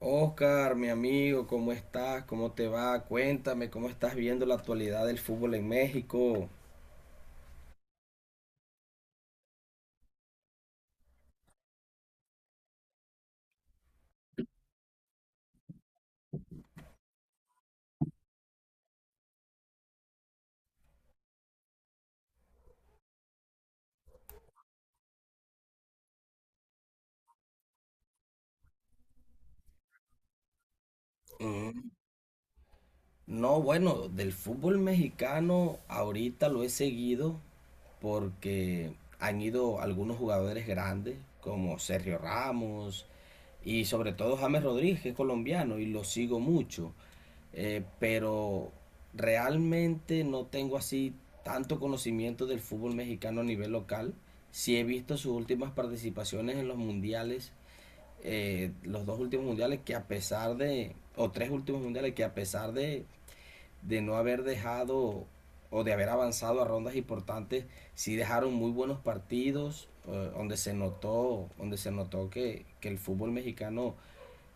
Oscar, mi amigo, ¿cómo estás? ¿Cómo te va? Cuéntame, ¿cómo estás viendo la actualidad del fútbol en México? No, bueno, del fútbol mexicano ahorita lo he seguido porque han ido algunos jugadores grandes como Sergio Ramos y sobre todo James Rodríguez, que es colombiano y lo sigo mucho. Pero realmente no tengo así tanto conocimiento del fútbol mexicano a nivel local. Sí he visto sus últimas participaciones en los mundiales, los dos últimos mundiales que a pesar de, o tres últimos mundiales que a pesar de no haber dejado o de haber avanzado a rondas importantes, sí dejaron muy buenos partidos donde se notó que el fútbol mexicano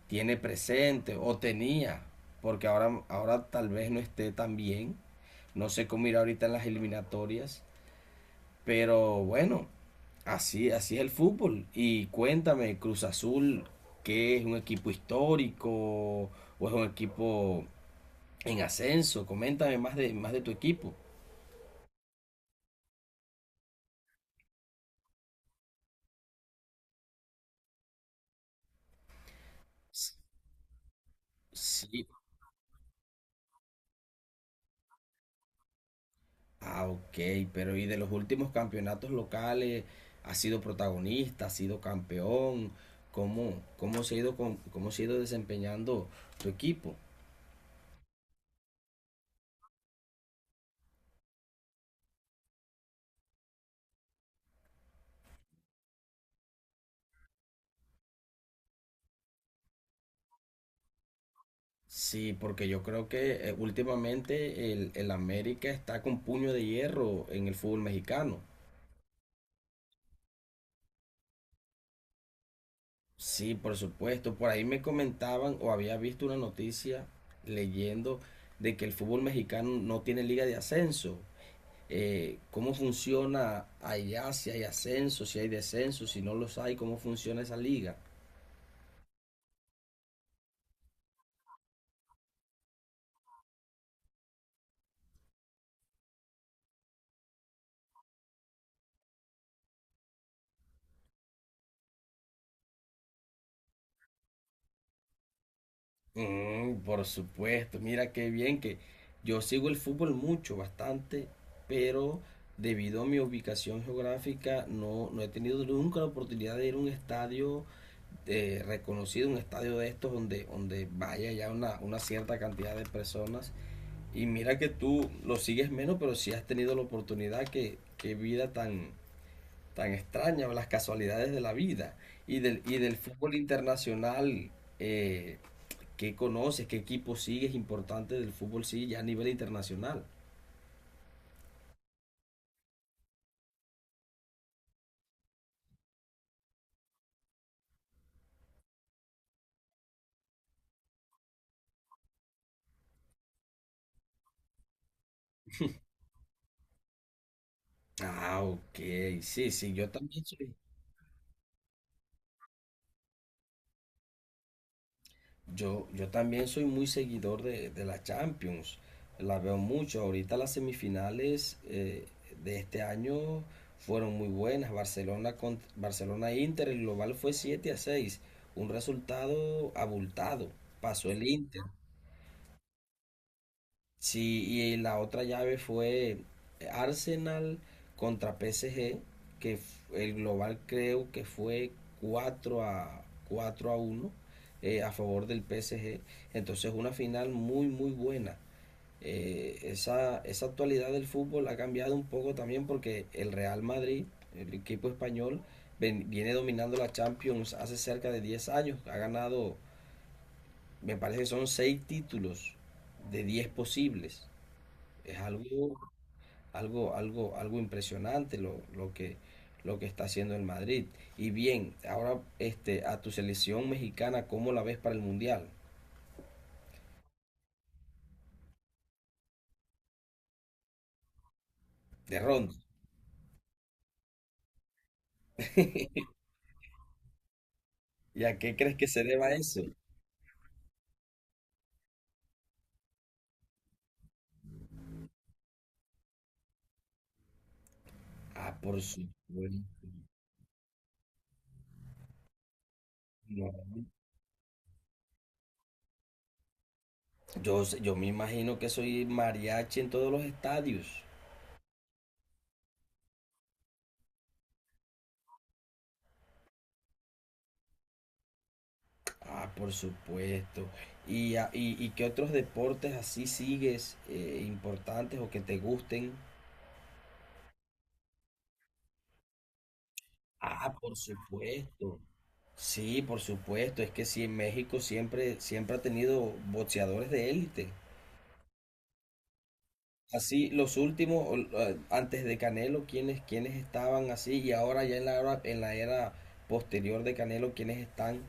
tiene presente o tenía, porque ahora, ahora tal vez no esté tan bien. No sé cómo irá ahorita en las eliminatorias, pero bueno, así, así es el fútbol. Y cuéntame, Cruz Azul, ¿qué es un equipo histórico o es un equipo en ascenso? Coméntame más de tu equipo. S- Sí. Ah, ok, pero ¿y de los últimos campeonatos locales? ¿Ha sido protagonista? ¿Ha sido campeón? ¿Cómo, cómo se ha ido, cómo se ha ido desempeñando tu equipo? Sí, porque yo creo que últimamente el América está con puño de hierro en el fútbol mexicano. Sí, por supuesto. Por ahí me comentaban o había visto una noticia leyendo de que el fútbol mexicano no tiene liga de ascenso, cómo funciona allá, si hay ascenso, si hay descenso, si no los hay, cómo funciona esa liga. Mm, por supuesto, mira qué bien que yo sigo el fútbol mucho, bastante, pero debido a mi ubicación geográfica no, no he tenido nunca la oportunidad de ir a un estadio reconocido, un estadio de estos donde, donde vaya ya una cierta cantidad de personas. Y mira que tú lo sigues menos, pero si sí has tenido la oportunidad, que, qué vida tan, tan extraña, las casualidades de la vida y del fútbol internacional, eh, ¿qué conoces? ¿Qué equipo sigues importante del fútbol sí ya a nivel internacional? Ah, ok, sí, sí, yo también soy, yo también soy muy seguidor de la Champions, la veo mucho, ahorita las semifinales de este año fueron muy buenas, Barcelona Inter, el global fue 7-6, un resultado abultado, pasó el Inter. Sí, y la otra llave fue Arsenal contra PSG, que el global creo que fue 4-1 a favor del PSG. Entonces una final muy muy buena. Esa, esa actualidad del fútbol ha cambiado un poco también porque el Real Madrid, el equipo español, viene dominando la Champions hace cerca de 10 años. Ha ganado, me parece que son 6 títulos de 10 posibles. Es algo, algo, algo, algo impresionante lo que está haciendo el Madrid. Y bien, ahora este, a tu selección mexicana, ¿cómo la ves para el Mundial de Ronda? ¿Y a qué crees que se deba eso? Ah, por supuesto. No, yo, yo me imagino que soy mariachi en todos los estadios. Ah, por supuesto. ¿Y, y qué otros deportes así sigues importantes o que te gusten? Ah, por supuesto. Sí, por supuesto. Es que sí, en México siempre, siempre ha tenido boxeadores de élite. Así, los últimos, o, antes de Canelo, quienes, quienes estaban así, y ahora ya en la era posterior de Canelo, quienes están.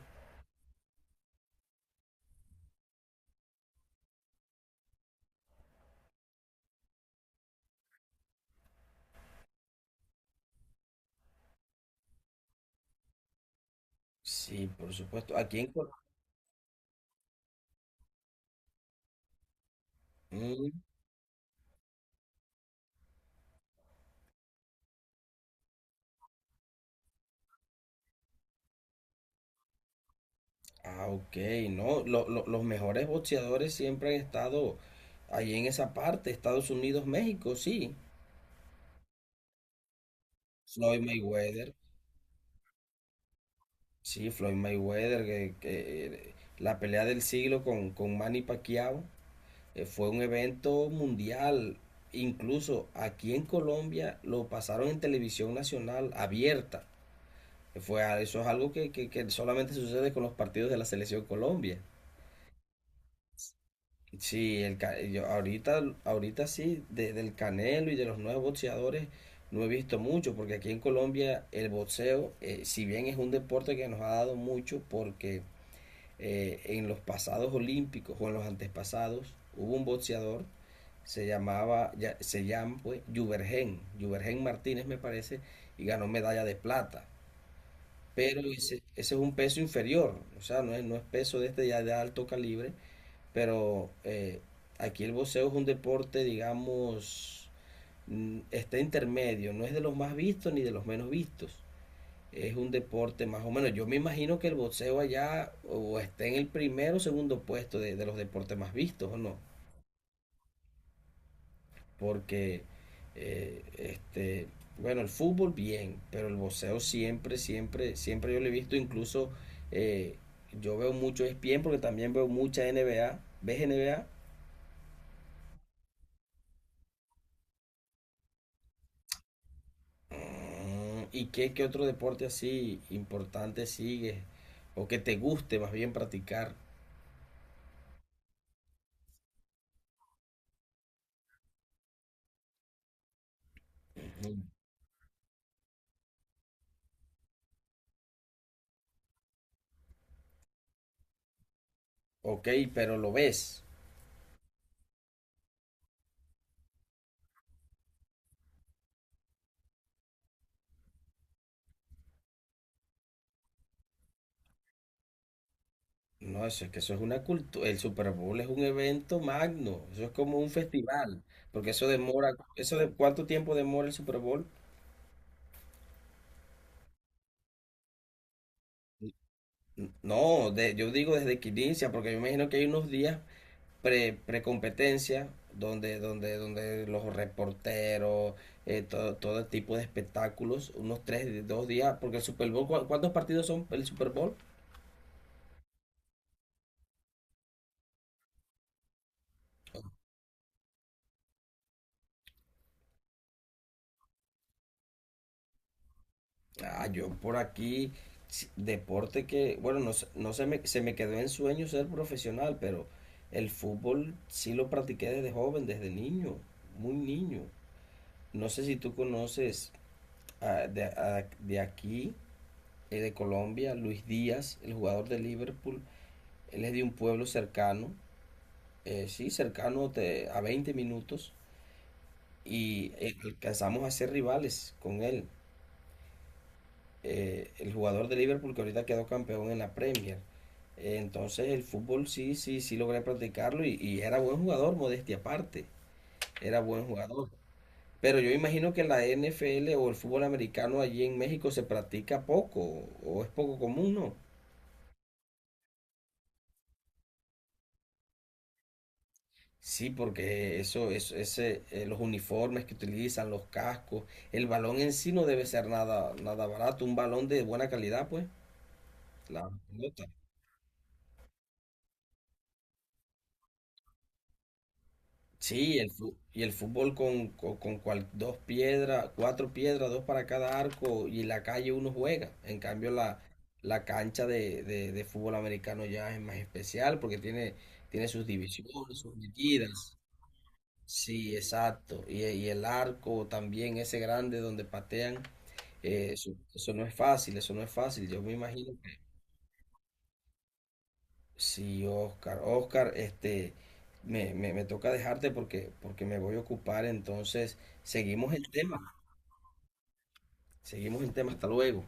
Sí, por supuesto. Aquí en mm, ah, ok, no. Los mejores boxeadores siempre han estado ahí en esa parte, Estados Unidos, México, sí. Floyd Mayweather. Sí, Floyd Mayweather, que la pelea del siglo con Manny Pacquiao fue un evento mundial. Incluso aquí en Colombia lo pasaron en televisión nacional abierta. Fue, eso es algo que, que solamente sucede con los partidos de la selección Colombia. Sí, el, yo ahorita, ahorita sí, del Canelo y de los nuevos boxeadores no he visto mucho, porque aquí en Colombia el boxeo, si bien es un deporte que nos ha dado mucho, porque en los pasados olímpicos o en los antepasados hubo un boxeador, se llamaba, ya, se llama pues Juvergen, Juvergen Martínez me parece, y ganó medalla de plata. Pero ese es un peso inferior, o sea, no es, no es peso de este ya de alto calibre, pero aquí el boxeo es un deporte, digamos, mm, está intermedio, no es de los más vistos ni de los menos vistos, es un deporte más o menos. Yo me imagino que el boxeo allá o está en el primero o segundo puesto de los deportes más vistos, ¿o no? Porque, eh, este, bueno, el fútbol bien, pero el boxeo siempre, siempre, siempre yo lo he visto. Incluso eh, yo veo mucho ESPN porque también veo mucha NBA. ¿Ves NBA? Mm, ¿y qué, qué otro deporte así importante sigues? O que te guste más bien practicar. Mm. Ok, pero lo ves. No, eso es que eso es una cultura. El Super Bowl es un evento magno. Eso es como un festival. Porque eso demora. ¿Eso de cuánto tiempo demora el Super Bowl? No, yo digo desde que inicia, porque yo imagino que hay unos días pre, pre-competencia donde, donde, donde los reporteros, todo, todo tipo de espectáculos, unos tres, dos días. Porque el Super Bowl, ¿cuántos partidos son el Super Bowl? Ah, yo por aquí, deporte que, bueno, no, no se me, se me quedó en sueño ser profesional, pero el fútbol sí lo practiqué desde joven, desde niño, muy niño. No sé si tú conoces ah, de, de aquí, de Colombia, Luis Díaz, el jugador de Liverpool. Él es de un pueblo cercano, sí, cercano a 20 minutos, y alcanzamos a ser rivales con él. El jugador de Liverpool que ahorita quedó campeón en la Premier. Entonces el fútbol sí, sí, sí logré practicarlo y era buen jugador, modestia aparte, era buen jugador. Pero yo imagino que la NFL o el fútbol americano allí en México se practica poco o es poco común, ¿no? Sí, porque eso ese, los uniformes que utilizan, los cascos, el balón en sí no debe ser nada, nada barato, un balón de buena calidad, pues, la pelota. Sí, y el fútbol con dos piedras, cuatro piedras, dos para cada arco y la calle uno juega. En cambio, la cancha de fútbol americano ya es más especial porque tiene, tiene sus divisiones, sus medidas. Sí, exacto. Y el arco también, ese grande donde patean, eso, eso no es fácil, eso no es fácil. Yo me imagino. Sí, Oscar, Oscar, este, me toca dejarte porque, porque me voy a ocupar, entonces seguimos el tema, seguimos el tema, hasta luego.